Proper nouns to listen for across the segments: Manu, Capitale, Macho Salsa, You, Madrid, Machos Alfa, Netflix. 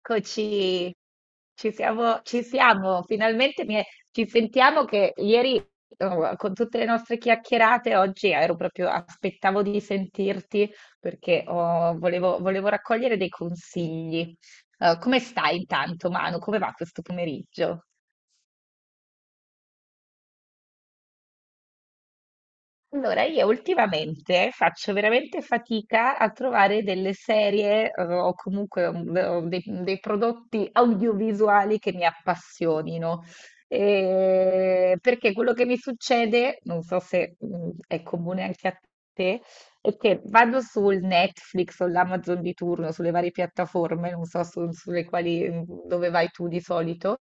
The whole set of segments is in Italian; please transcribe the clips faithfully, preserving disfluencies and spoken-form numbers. Eccoci, ci siamo, ci siamo, finalmente mi è- ci sentiamo che ieri, oh, con tutte le nostre chiacchierate oggi ero proprio, aspettavo di sentirti perché, oh, volevo, volevo raccogliere dei consigli. Eh, come stai intanto, Manu? Come va questo pomeriggio? Allora, io ultimamente faccio veramente fatica a trovare delle serie, eh, o comunque, um, o dei, dei prodotti audiovisuali che mi appassionino. Eh, perché quello che mi succede, non so se, mm, è comune anche a te, è che vado sul Netflix o l'Amazon di turno, sulle varie piattaforme, non so su- sulle quali, mm, dove vai tu di solito.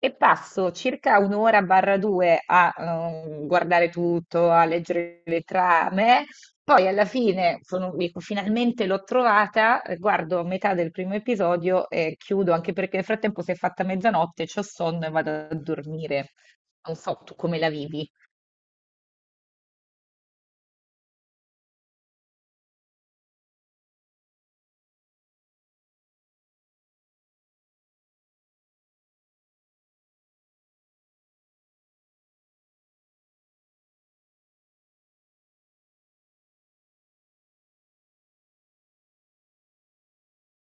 E passo circa un'ora barra due a, ehm, guardare tutto, a leggere le trame. Poi alla fine, sono- dico, finalmente l'ho trovata, eh, guardo metà del primo episodio e chiudo, anche perché nel frattempo si è fatta mezzanotte, c'ho sonno e vado a dormire. Non so tu come la vivi.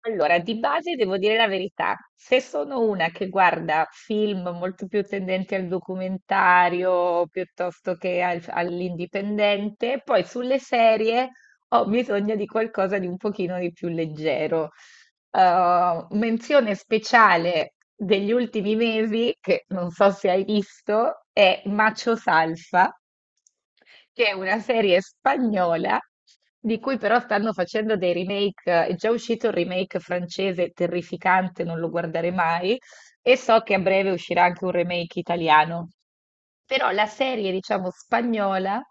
Allora, di base devo dire la verità, se sono una che guarda film molto più tendenti al documentario piuttosto che al- all'indipendente. Poi sulle serie ho bisogno di qualcosa di un pochino di più leggero. Eh, menzione speciale degli ultimi mesi, che non so se hai visto, è Macho Salsa, che è una serie spagnola di cui però stanno facendo dei remake. È già uscito il remake francese, terrificante, non lo guarderei mai, e so che a breve uscirà anche un remake italiano. Però la serie, diciamo, spagnola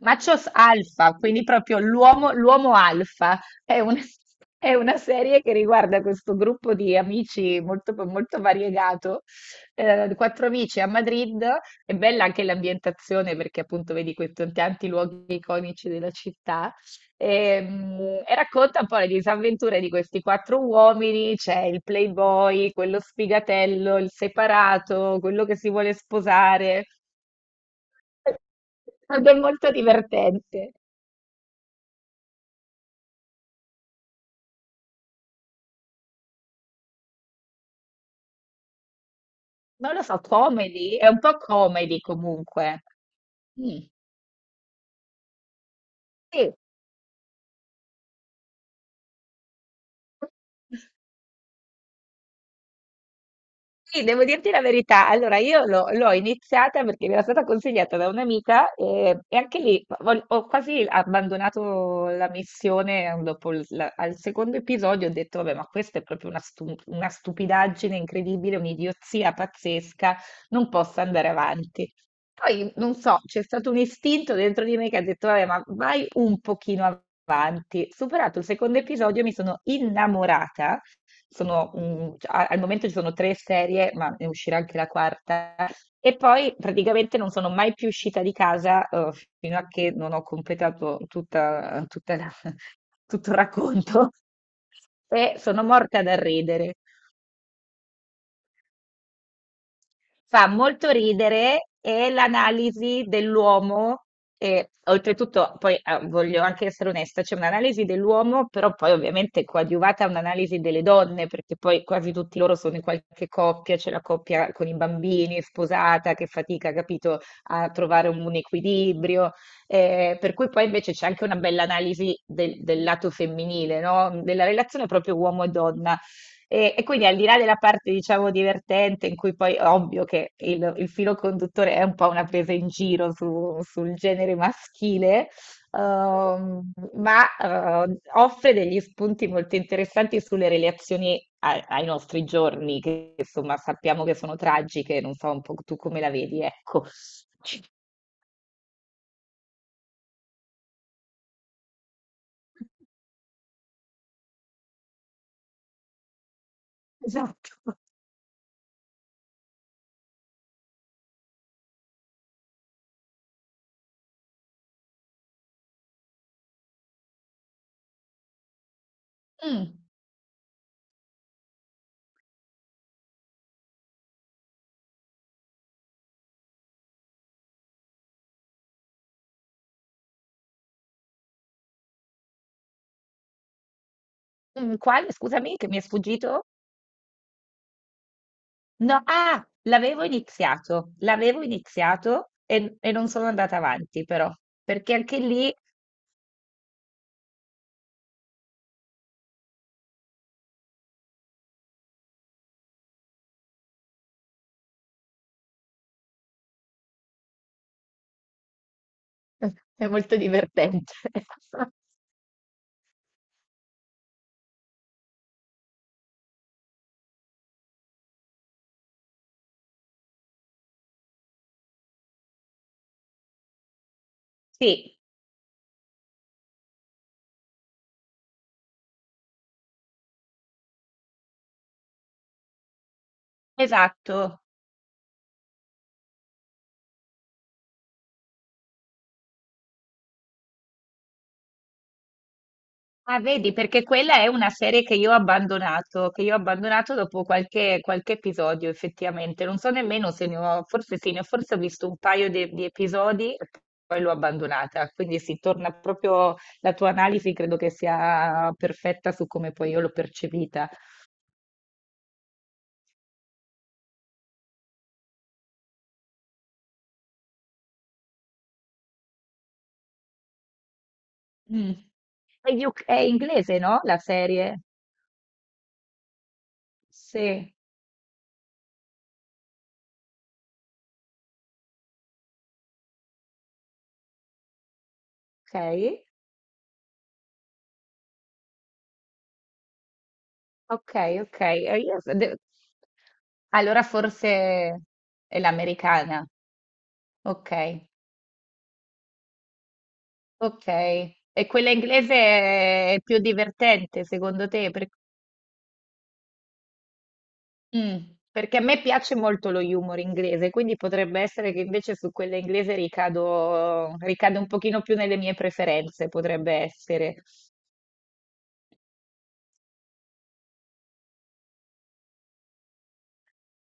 Machos Alfa, quindi proprio l'uomo l'uomo alfa, è un- è una serie che riguarda questo gruppo di amici molto, molto variegato, eh, quattro amici a Madrid. È bella anche l'ambientazione, perché appunto vedi questi tanti luoghi iconici della città, e, mm, e racconta un po' le disavventure di questi quattro uomini: c'è il playboy, quello sfigatello, il separato, quello che si vuole sposare, ed è molto divertente. Non lo so, comedy? È un po' comedy comunque. Mh, sì. Sì, devo dirti la verità. Allora, io l'ho l'ho iniziata perché mi era stata consigliata da un'amica, eh, e, anche lì, vol- ho quasi abbandonato la missione, eh, dopo il la- al secondo episodio. Ho detto, vabbè, ma questa è proprio una, stu- una stupidaggine incredibile, un'idiozia pazzesca, non posso andare avanti. Poi, non so, c'è stato un istinto dentro di me che ha detto, vabbè, ma vai un pochino avanti. Superato il secondo episodio, mi sono innamorata. Sono, mhmm, cioè, a al momento ci sono tre serie, ma ne uscirà anche la quarta, e poi praticamente non sono mai più uscita di casa, uhm, fino a che non ho completato tutta tutta la tutto il racconto e sono morta dal ridere. Fa molto ridere, e l'analisi dell'uomo, e oltretutto, poi, ah, voglio anche essere onesta, c'è un'analisi dell'uomo, però poi ovviamente coadiuvata a un'analisi delle donne, perché poi quasi tutti loro sono in qualche coppia, c'è la coppia con i bambini, sposata, che fatica, capito, a trovare un, un equilibrio. eh, per cui poi invece c'è anche una bella analisi del, del lato femminile, no? Della relazione proprio uomo e donna, e, e quindi al di là della parte, diciamo, divertente, in cui poi è ovvio che il, il filo conduttore è un po' una presa in giro su- sul genere maschile, ehm, ma, eh, offre degli spunti molto interessanti sulle relazioni a- ai nostri giorni, che insomma sappiamo che sono tragiche, non so un po' tu come la vedi, ecco. Esatto. Mm, mm, quale? Scusami, che mi è sfuggito? No, ah, l'avevo iniziato, l'avevo iniziato, e, e non sono andata avanti però, perché anche lì eh, è molto divertente. Sì, esatto. Ah, vedi, perché quella è una serie che io ho abbandonato, che io ho abbandonato, dopo qualche, qualche episodio, effettivamente. Non so nemmeno se ne ho, forse sì, ne ho, forse ho visto un paio de- di episodi, e poi l'ho abbandonata. Quindi si torna proprio, la tua analisi credo che sia perfetta su come poi io l'ho percepita. Mh. È U K, è inglese, no, la serie? Sì, okay, okay, okay. E io s de Allora forse è l'americana. Okay, okay. E quella inglese è più divertente secondo te? Per mh, perché a me piace molto lo humor inglese, quindi potrebbe essere che invece su quella inglese ricado ricado un pochino più nelle mie preferenze, potrebbe essere.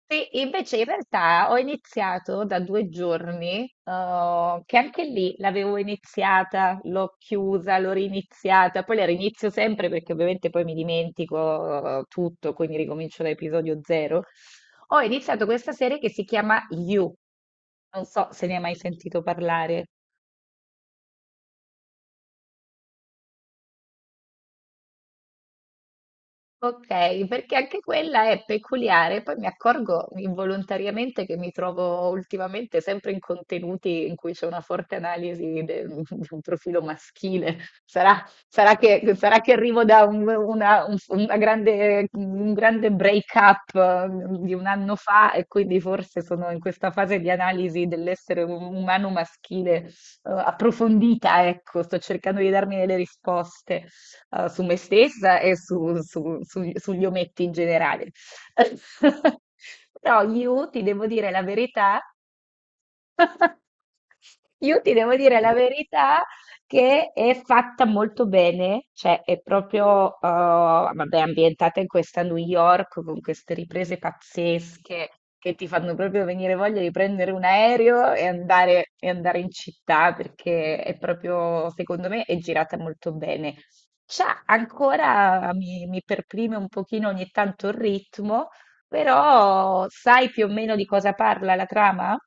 Sì, invece in realtà ho iniziato da due giorni, eh, che anche lì l'avevo iniziata, l'ho chiusa, l'ho riniziata. Poi la rinizio sempre, perché ovviamente poi mi dimentico, eh, tutto, quindi ricomincio da episodio zero. Ho iniziato questa serie che si chiama You, non so se ne hai mai sentito parlare. Ok, perché anche quella è peculiare. Poi mi accorgo involontariamente che mi trovo ultimamente sempre in contenuti in cui c'è una forte analisi del- di un profilo maschile. Sarà, sarà che, sarà che arrivo da un, una- un- una grande, un grande break-up, eh, di un anno fa, e quindi forse sono in questa fase di analisi dell'essere um- umano maschile, eh, approfondita, ecco. Sto cercando di darmi delle risposte, eh, su me stessa e su- su- su- sugli ometti in generale. Però io ti devo dire la verità. Io ti devo dire la verità, che è fatta molto bene, cioè è proprio, eh, vabbè, ambientata in questa New York, con queste riprese pazzesche che ti fanno proprio venire voglia di prendere un aereo e andare, e andare in città, perché è proprio, secondo me, è girata molto bene. Cioè, ancora mi, mi perprime un pochino ogni tanto il ritmo, però sai più o meno di cosa parla la trama?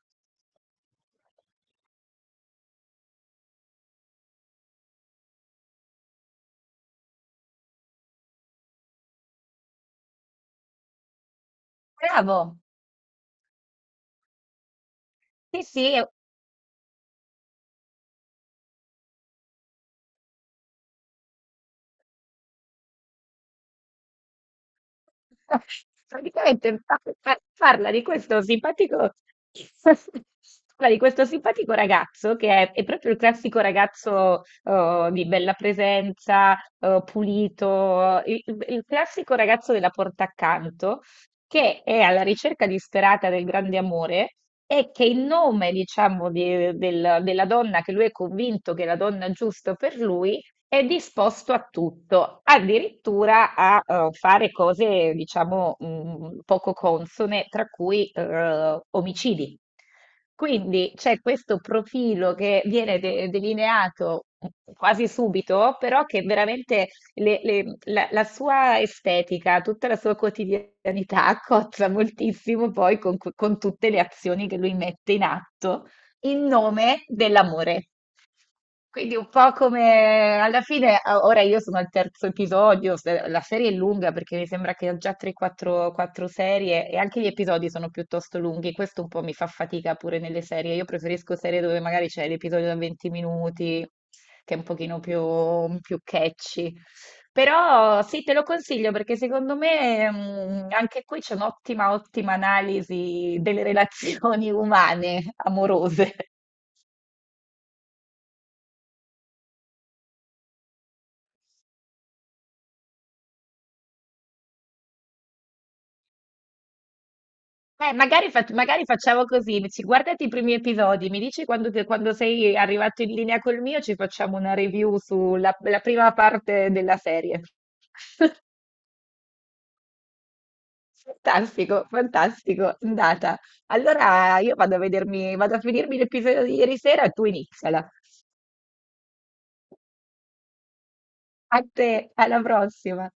Bravo, sì, sì, praticamente pa- pa- parla di questo simpatico, parla di questo simpatico ragazzo che è, è proprio il classico ragazzo, eh, di bella presenza, eh, pulito, il, il classico ragazzo della porta accanto, che è alla ricerca disperata del grande amore, e che in nome, diciamo, di- del- della donna che lui è convinto che è la donna giusta per lui, è disposto a tutto, addirittura a, eh, fare cose, diciamo, mh, poco consone, tra cui, eh, omicidi. Quindi c'è questo profilo che viene de- delineato quasi subito, però che veramente le- le- la, la sua estetica, tutta la sua quotidianità cozza moltissimo poi con, con tutte le azioni che lui mette in atto in nome dell'amore. Quindi un po' come alla fine, ah, ora io sono al terzo episodio. Se- la serie è lunga, perché mi sembra che ho già tre quattro serie, e anche gli episodi sono piuttosto lunghi. Questo un po' mi fa fatica pure nelle serie, io preferisco serie dove magari c'è l'episodio da venti minuti, che è un pochino più, più catchy. Però sì, te lo consiglio, perché secondo me, mm, anche qui c'è un'ottima, ottima analisi delle relazioni umane, amorose. Eh, magari, fac- magari facciamo così: ci- guardati i primi episodi, mi dici quando, che- quando sei arrivato in linea col mio, ci facciamo una review sulla la prima parte della serie. Fantastico, fantastico, andata. Allora io vado a vedermi, vado a finirmi l'episodio di ieri sera e tu iniziala. A te, alla prossima.